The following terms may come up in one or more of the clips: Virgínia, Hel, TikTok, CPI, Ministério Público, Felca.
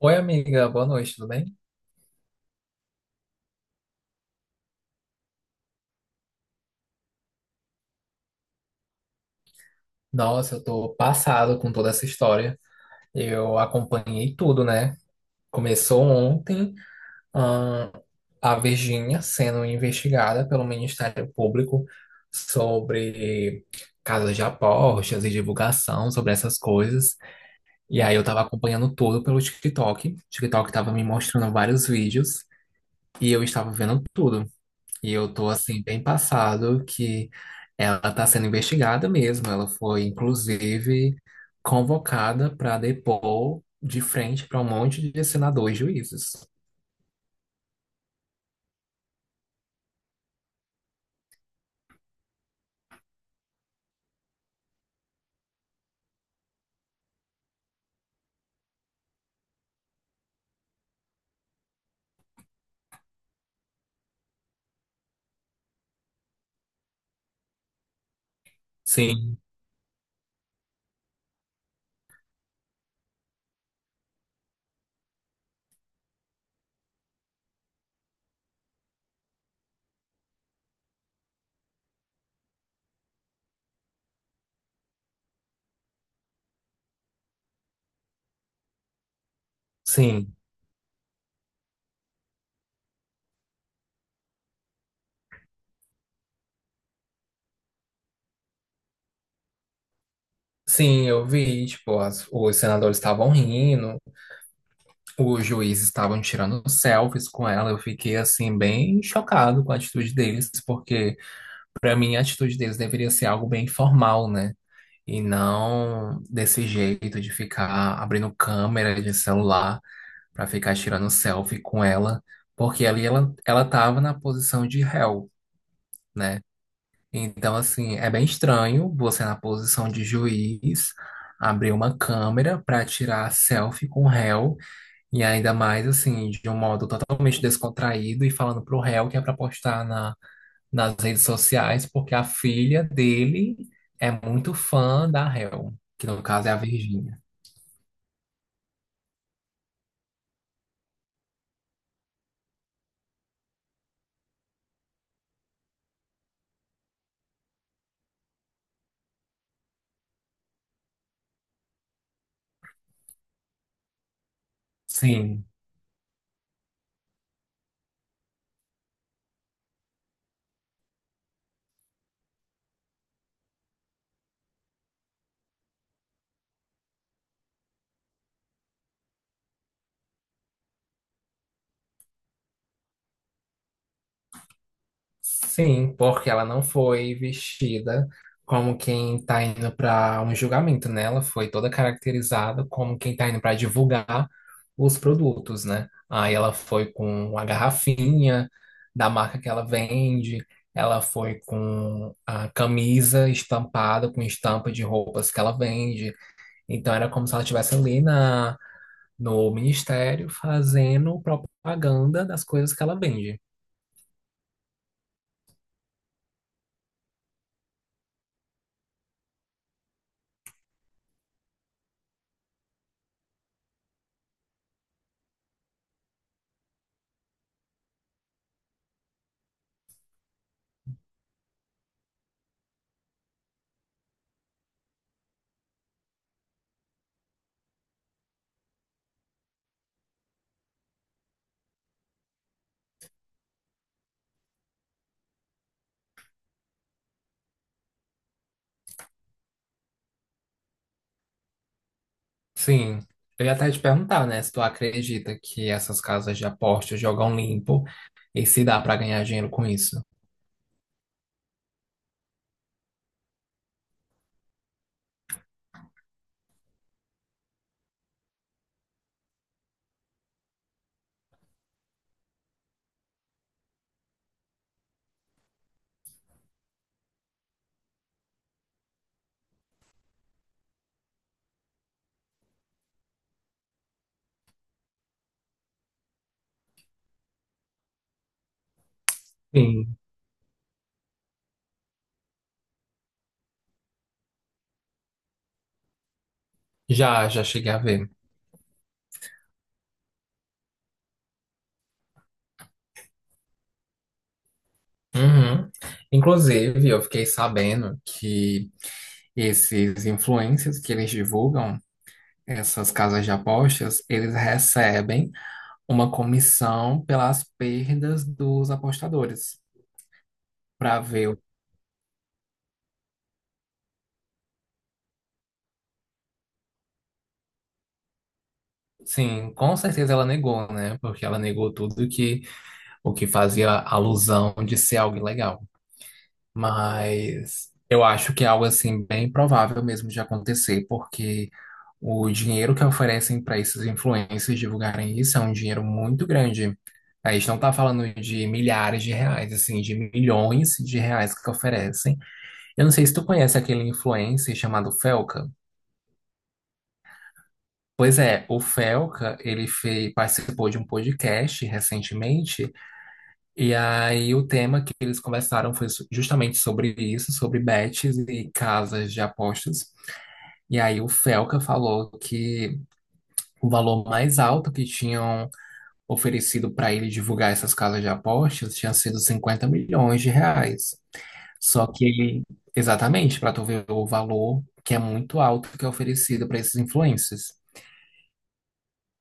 Oi, amiga, boa noite, tudo bem? Nossa, eu tô passado com toda essa história. Eu acompanhei tudo, né? Começou ontem, ahn, a Virgínia sendo investigada pelo Ministério Público sobre casas de apostas e divulgação sobre essas coisas. E aí eu tava acompanhando tudo pelo TikTok. O TikTok tava me mostrando vários vídeos e eu estava vendo tudo. E eu tô assim bem passado que ela tá sendo investigada mesmo. Ela foi inclusive convocada para depor de frente para um monte de senadores e juízes. Sim, sim. Sim, eu vi, tipo, os senadores estavam rindo, os juízes estavam tirando selfies com ela. Eu fiquei assim bem chocado com a atitude deles, porque para mim a atitude deles deveria ser algo bem formal, né? E não desse jeito de ficar abrindo câmera de celular para ficar tirando selfie com ela, porque ali ela tava na posição de réu, né? Então, assim, é bem estranho você na posição de juiz abrir uma câmera para tirar selfie com o réu, e ainda mais, assim, de um modo totalmente descontraído e falando pro réu que é para postar na nas redes sociais, porque a filha dele é muito fã da Hel, que no caso é a Virgínia. Sim, sim, porque ela não foi vestida como quem tá indo para um julgamento, né? Ela foi toda caracterizada como quem tá indo para divulgar os produtos, né? Aí ela foi com a garrafinha da marca que ela vende. Ela foi com a camisa estampada, com estampa de roupas que ela vende. Então era como se ela estivesse ali na, no ministério fazendo propaganda das coisas que ela vende. Sim. Eu ia até te perguntar, né, se tu acredita que essas casas de apostas jogam limpo e se dá pra ganhar dinheiro com isso. Sim. Já, já cheguei a ver. Uhum. Inclusive, eu fiquei sabendo que esses influencers que eles divulgam, essas casas de apostas, eles recebem uma comissão pelas perdas dos apostadores. Para ver. Sim, com certeza ela negou, né? Porque ela negou tudo que o que fazia alusão de ser algo ilegal. Mas eu acho que é algo assim bem provável mesmo de acontecer, porque o dinheiro que oferecem para esses influencers divulgarem isso é um dinheiro muito grande. A gente não está falando de milhares de reais, assim, de milhões de reais que oferecem. Eu não sei se tu conhece aquele influencer chamado Felca. Pois é, o Felca, ele fez, participou de um podcast recentemente, e aí o tema que eles conversaram foi justamente sobre isso, sobre bets e casas de apostas. E aí o Felca falou que o valor mais alto que tinham oferecido para ele divulgar essas casas de apostas tinha sido 50 milhões de reais. Só que ele, exatamente, para tu ver o valor que é muito alto que é oferecido para esses influencers.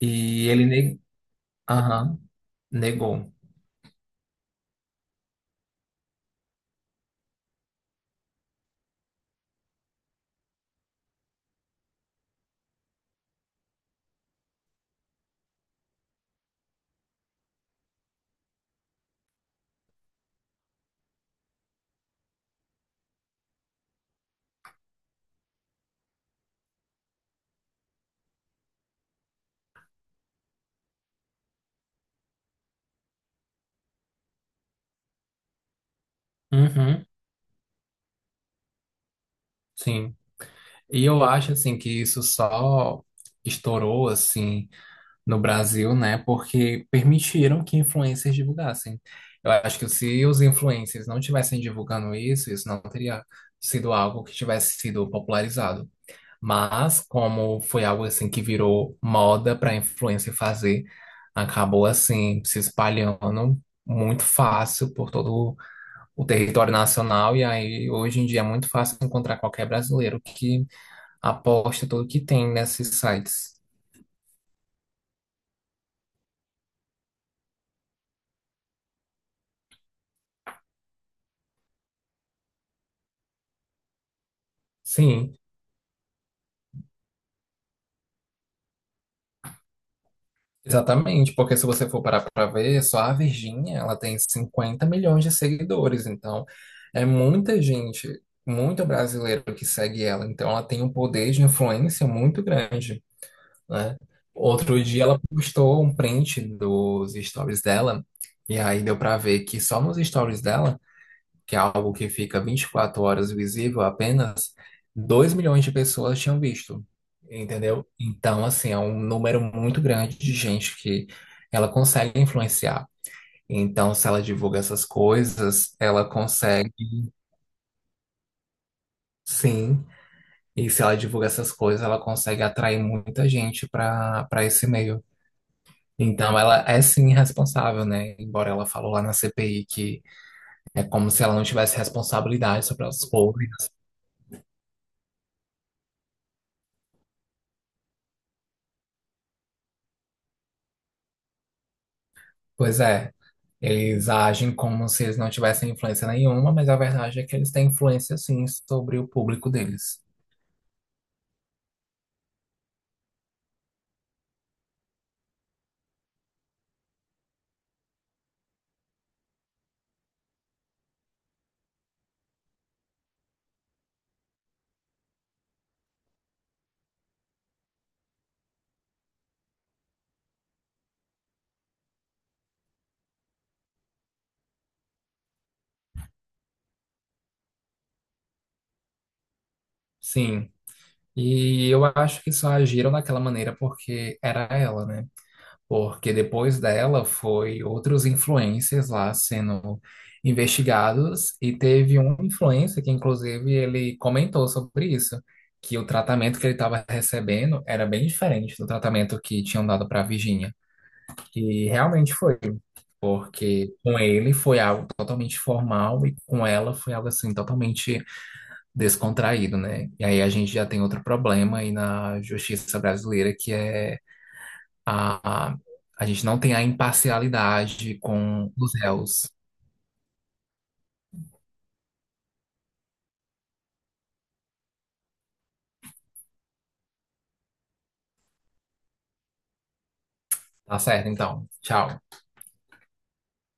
E ele aham, negou. Uhum, sim. E eu acho assim que isso só estourou assim no Brasil, né? Porque permitiram que influencers divulgassem. Eu acho que se os influencers não tivessem divulgando isso, isso não teria sido algo que tivesse sido popularizado. Mas como foi algo assim que virou moda para influencer fazer, acabou assim se espalhando muito fácil por todo o território nacional, e aí hoje em dia é muito fácil encontrar qualquer brasileiro que aposta tudo que tem nesses sites. Sim, exatamente, porque se você for parar para ver, só a Virgínia, ela tem 50 milhões de seguidores, então é muita gente, muito brasileiro que segue ela, então ela tem um poder de influência muito grande, né? Outro dia ela postou um print dos stories dela, e aí deu para ver que só nos stories dela que é algo que fica 24 horas visível apenas, 2 milhões de pessoas tinham visto, entendeu? Então, assim, é um número muito grande de gente que ela consegue influenciar. Então, se ela divulga essas coisas, ela consegue, sim, e se ela divulga essas coisas, ela consegue atrair muita gente para esse meio. Então, ela é sim responsável, né? Embora ela falou lá na CPI que é como se ela não tivesse responsabilidade sobre as coisas. Pois é, eles agem como se eles não tivessem influência nenhuma, mas a verdade é que eles têm influência sim sobre o público deles. Sim. E eu acho que só agiram daquela maneira porque era ela, né? Porque depois dela foi outros influencers lá sendo investigados e teve um influencer que inclusive ele comentou sobre isso, que o tratamento que ele estava recebendo era bem diferente do tratamento que tinham dado para a Virginia. E realmente foi, porque com ele foi algo totalmente formal e com ela foi algo assim totalmente descontraído, né? E aí a gente já tem outro problema aí na justiça brasileira que é a a a gente não tem a imparcialidade com os réus. Tá certo, então. Tchau.